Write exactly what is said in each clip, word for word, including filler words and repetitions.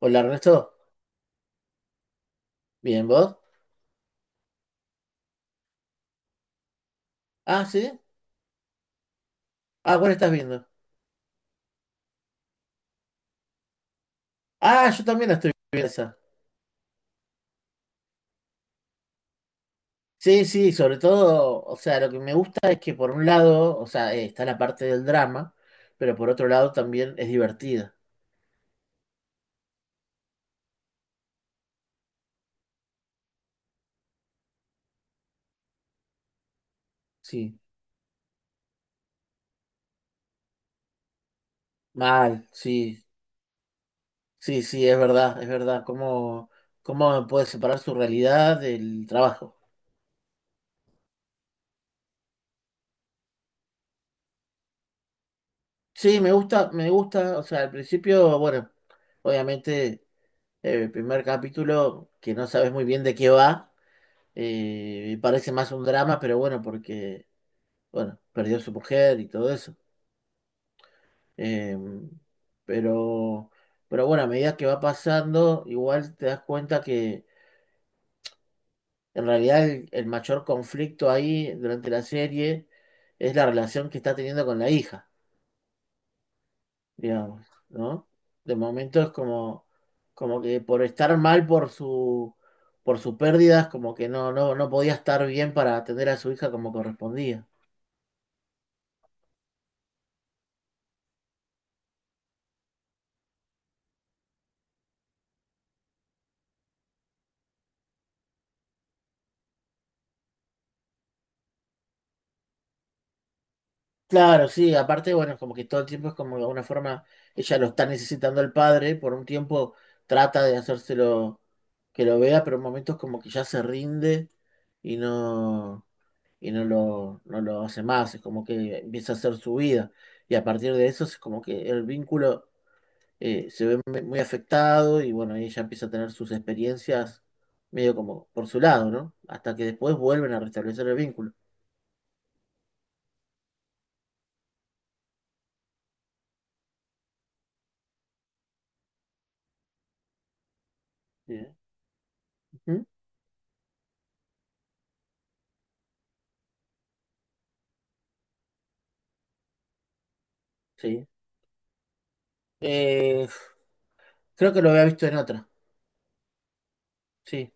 Hola Ernesto, ¿bien vos? Ah, sí. Ah, ¿cuál estás viendo? Ah, yo también la estoy viendo esa. Sí, sí, sobre todo, o sea, lo que me gusta es que por un lado, o sea, eh, está la parte del drama, pero por otro lado también es divertida. Sí, mal, sí, sí, sí, es verdad, es verdad. ¿Cómo, cómo puede separar su realidad del trabajo? Sí, me gusta, me gusta, o sea, al principio, bueno, obviamente, eh, el primer capítulo que no sabes muy bien de qué va. Eh, y parece más un drama, pero bueno, porque, bueno, perdió a su mujer y todo eso. Eh, pero, pero bueno, a medida que va pasando, igual te das cuenta que en realidad el, el mayor conflicto ahí durante la serie es la relación que está teniendo con la hija, digamos, ¿no? De momento es como, como que por estar mal por su, por su pérdida, es como que no, no, no podía estar bien para atender a su hija como correspondía. Claro, sí, aparte, bueno, es como que todo el tiempo es como de alguna forma ella lo está necesitando el padre, por un tiempo trata de hacérselo que lo vea, pero en momentos como que ya se rinde y no, y no lo, no lo hace más, es como que empieza a hacer su vida. Y a partir de eso es como que el vínculo eh, se ve muy muy afectado y bueno, ella empieza a tener sus experiencias medio como por su lado, ¿no? Hasta que después vuelven a restablecer el vínculo. Bien. Ujú, sí. Eh, Creo que lo había visto en otra. Sí.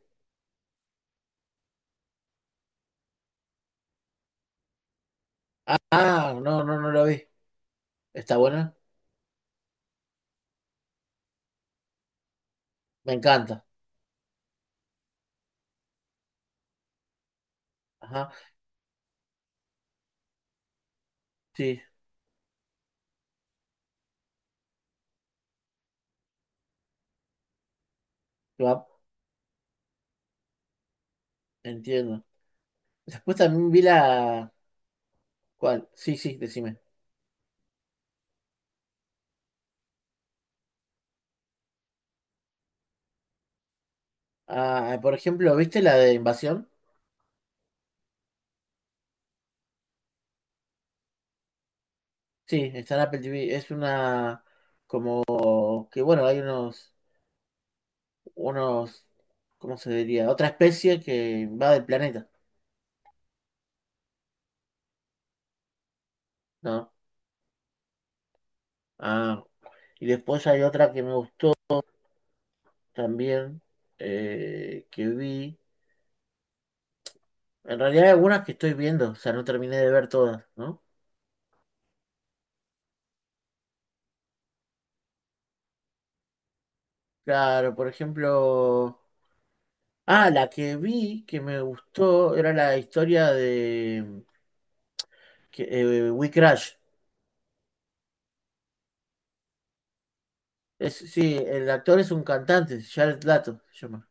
Ah, ah, no, no, no lo vi. ¿Está buena? Me encanta. Ajá. Sí, va, entiendo. Después también vi la... ¿Cuál? Sí, sí, decime. Ah, por ejemplo, ¿viste la de Invasión? Sí, está en Apple T V. Es una como que, bueno, hay unos, unos, ¿cómo se diría? Otra especie que va del planeta, ¿no? Ah, y después hay otra que me gustó también, eh, que vi. En realidad hay algunas que estoy viendo, o sea, no terminé de ver todas, ¿no? Claro, por ejemplo... Ah, la que vi que me gustó era la historia de que, eh, We Crash. Es, sí, el actor es un cantante, Jared Lato se llama.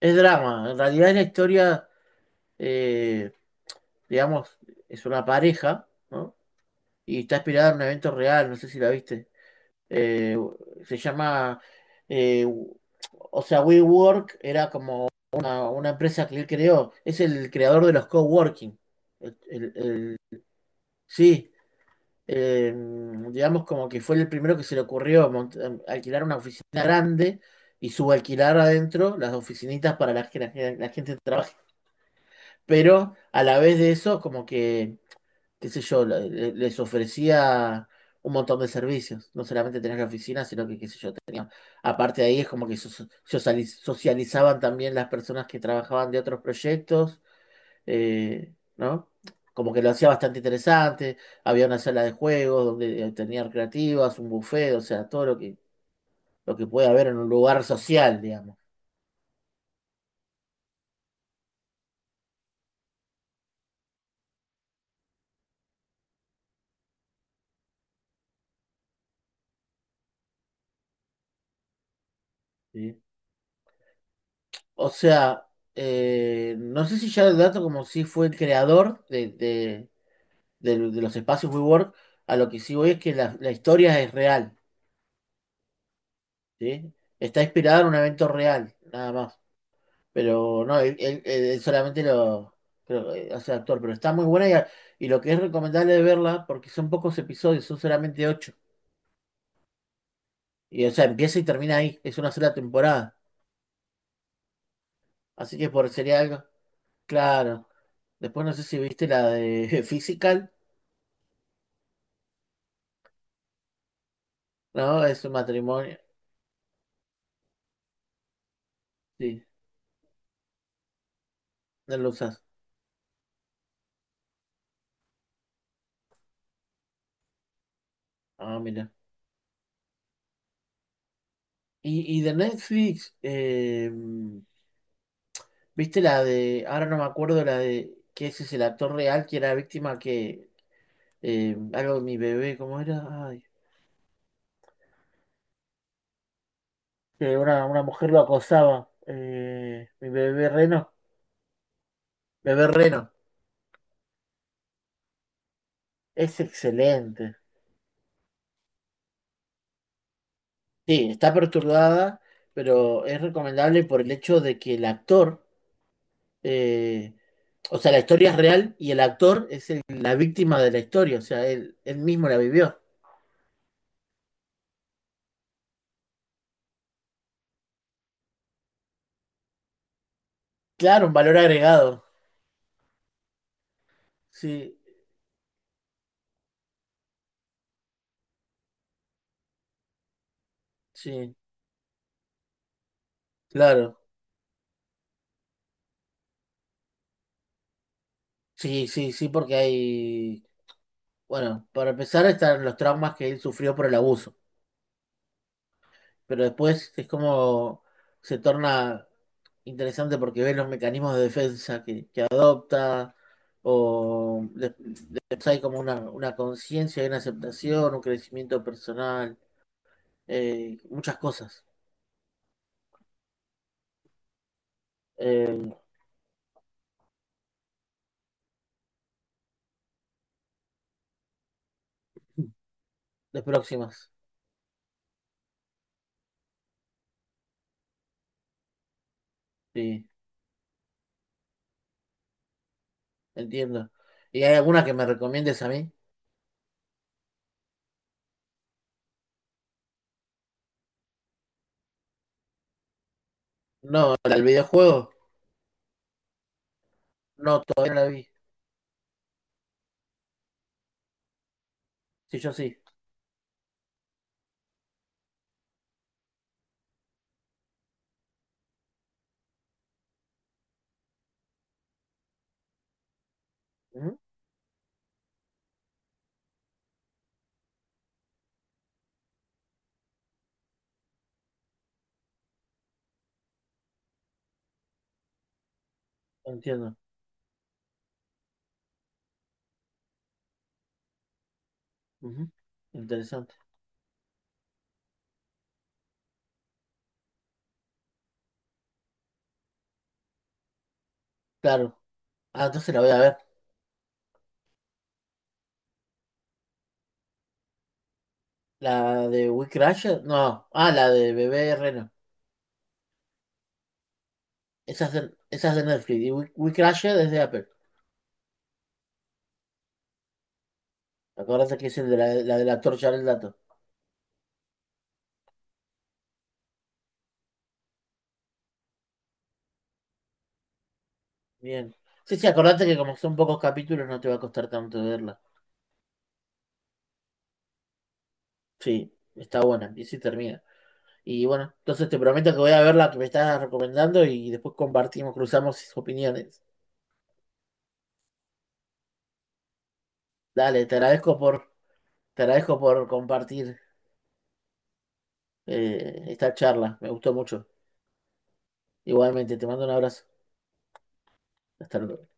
Es drama, en realidad es la historia, eh, digamos, es una pareja, ¿no? Y está inspirada en un evento real, no sé si la viste. eh, se llama, eh, o sea, WeWork era como una, una empresa que él creó, es el creador de los coworking. El- el- el- sí, eh, digamos como que fue el primero que se le ocurrió mont- em, alquilar una oficina grande y subalquilar adentro las oficinitas para la, que la, gen- la gente trabaje. Pero a la vez de eso, como que, qué sé yo, le- les ofrecía un montón de servicios. No solamente tener la oficina, sino que, qué sé yo, aparte de ahí es como que so- so- sociali- socializaban también las personas que trabajaban de otros proyectos, eh, ¿no? Como que lo hacía bastante interesante. Había una sala de juegos donde eh, tenían creativas, un buffet, o sea, todo lo que, lo que puede haber en un lugar social, digamos. ¿Sí? O sea, eh, no sé si ya el dato como si fue el creador de, de- de- de los espacios WeWork, a lo que sí voy es que la, la historia es real, ¿sí? Está inspirada en un evento real, nada más. Pero no, él, él- él solamente lo creo, eh, hace actor, pero está muy buena y, a- y lo que es recomendable de verla, porque son pocos episodios, son solamente ocho. Y o sea, empieza y termina ahí, es una sola temporada. Así que por sería algo. Claro. Después no sé si viste la de Physical, ¿no? Es un matrimonio. Sí, no lo usas. Ah, mira. Y, y de Netflix, eh, ¿viste la de, ahora no me acuerdo la de, que ese es el actor real que era víctima que eh, algo de mi bebé, ¿cómo era? Ay, que una, una mujer lo acosaba. eh, Mi bebé reno. Bebé reno. Es excelente. Sí, está perturbada, pero es recomendable por el hecho de que el actor, eh, o sea, la historia es real y el actor es el- la víctima de la historia, o sea, él, él mismo la vivió. Claro, un valor agregado. Sí, sí, claro. Sí, sí, sí, porque hay, bueno, para empezar están los traumas que él sufrió por el abuso. Pero después es como se torna interesante porque ves los mecanismos de defensa que, que adopta, o de- después hay como una, una conciencia, hay una aceptación, un crecimiento personal, eh, muchas cosas eh, de próximas, sí, entiendo. ¿Y hay alguna que me recomiendes a mí? No, ¿la del videojuego? No, todavía no la vi. Sí, yo sí. Ujú, entiendo. Ujú, interesante. Claro. Ah, entonces la voy a ver. La de We Crashed, no, ah, la de Bebé Reno. Esa es de, esa es de Netflix. Y We, We Crashed es de Apple. Acordate que es el de la, la de la torcha del dato. Bien. Sí, sí, acordate que como son pocos capítulos no te va a costar tanto verla. Sí, está buena. Y sí termina. Y bueno, entonces te prometo que voy a ver la que me estás recomendando y después compartimos, cruzamos opiniones. Dale, te agradezco por, te agradezco por compartir eh, esta charla. Me gustó mucho. Igualmente, te mando un abrazo. Hasta luego.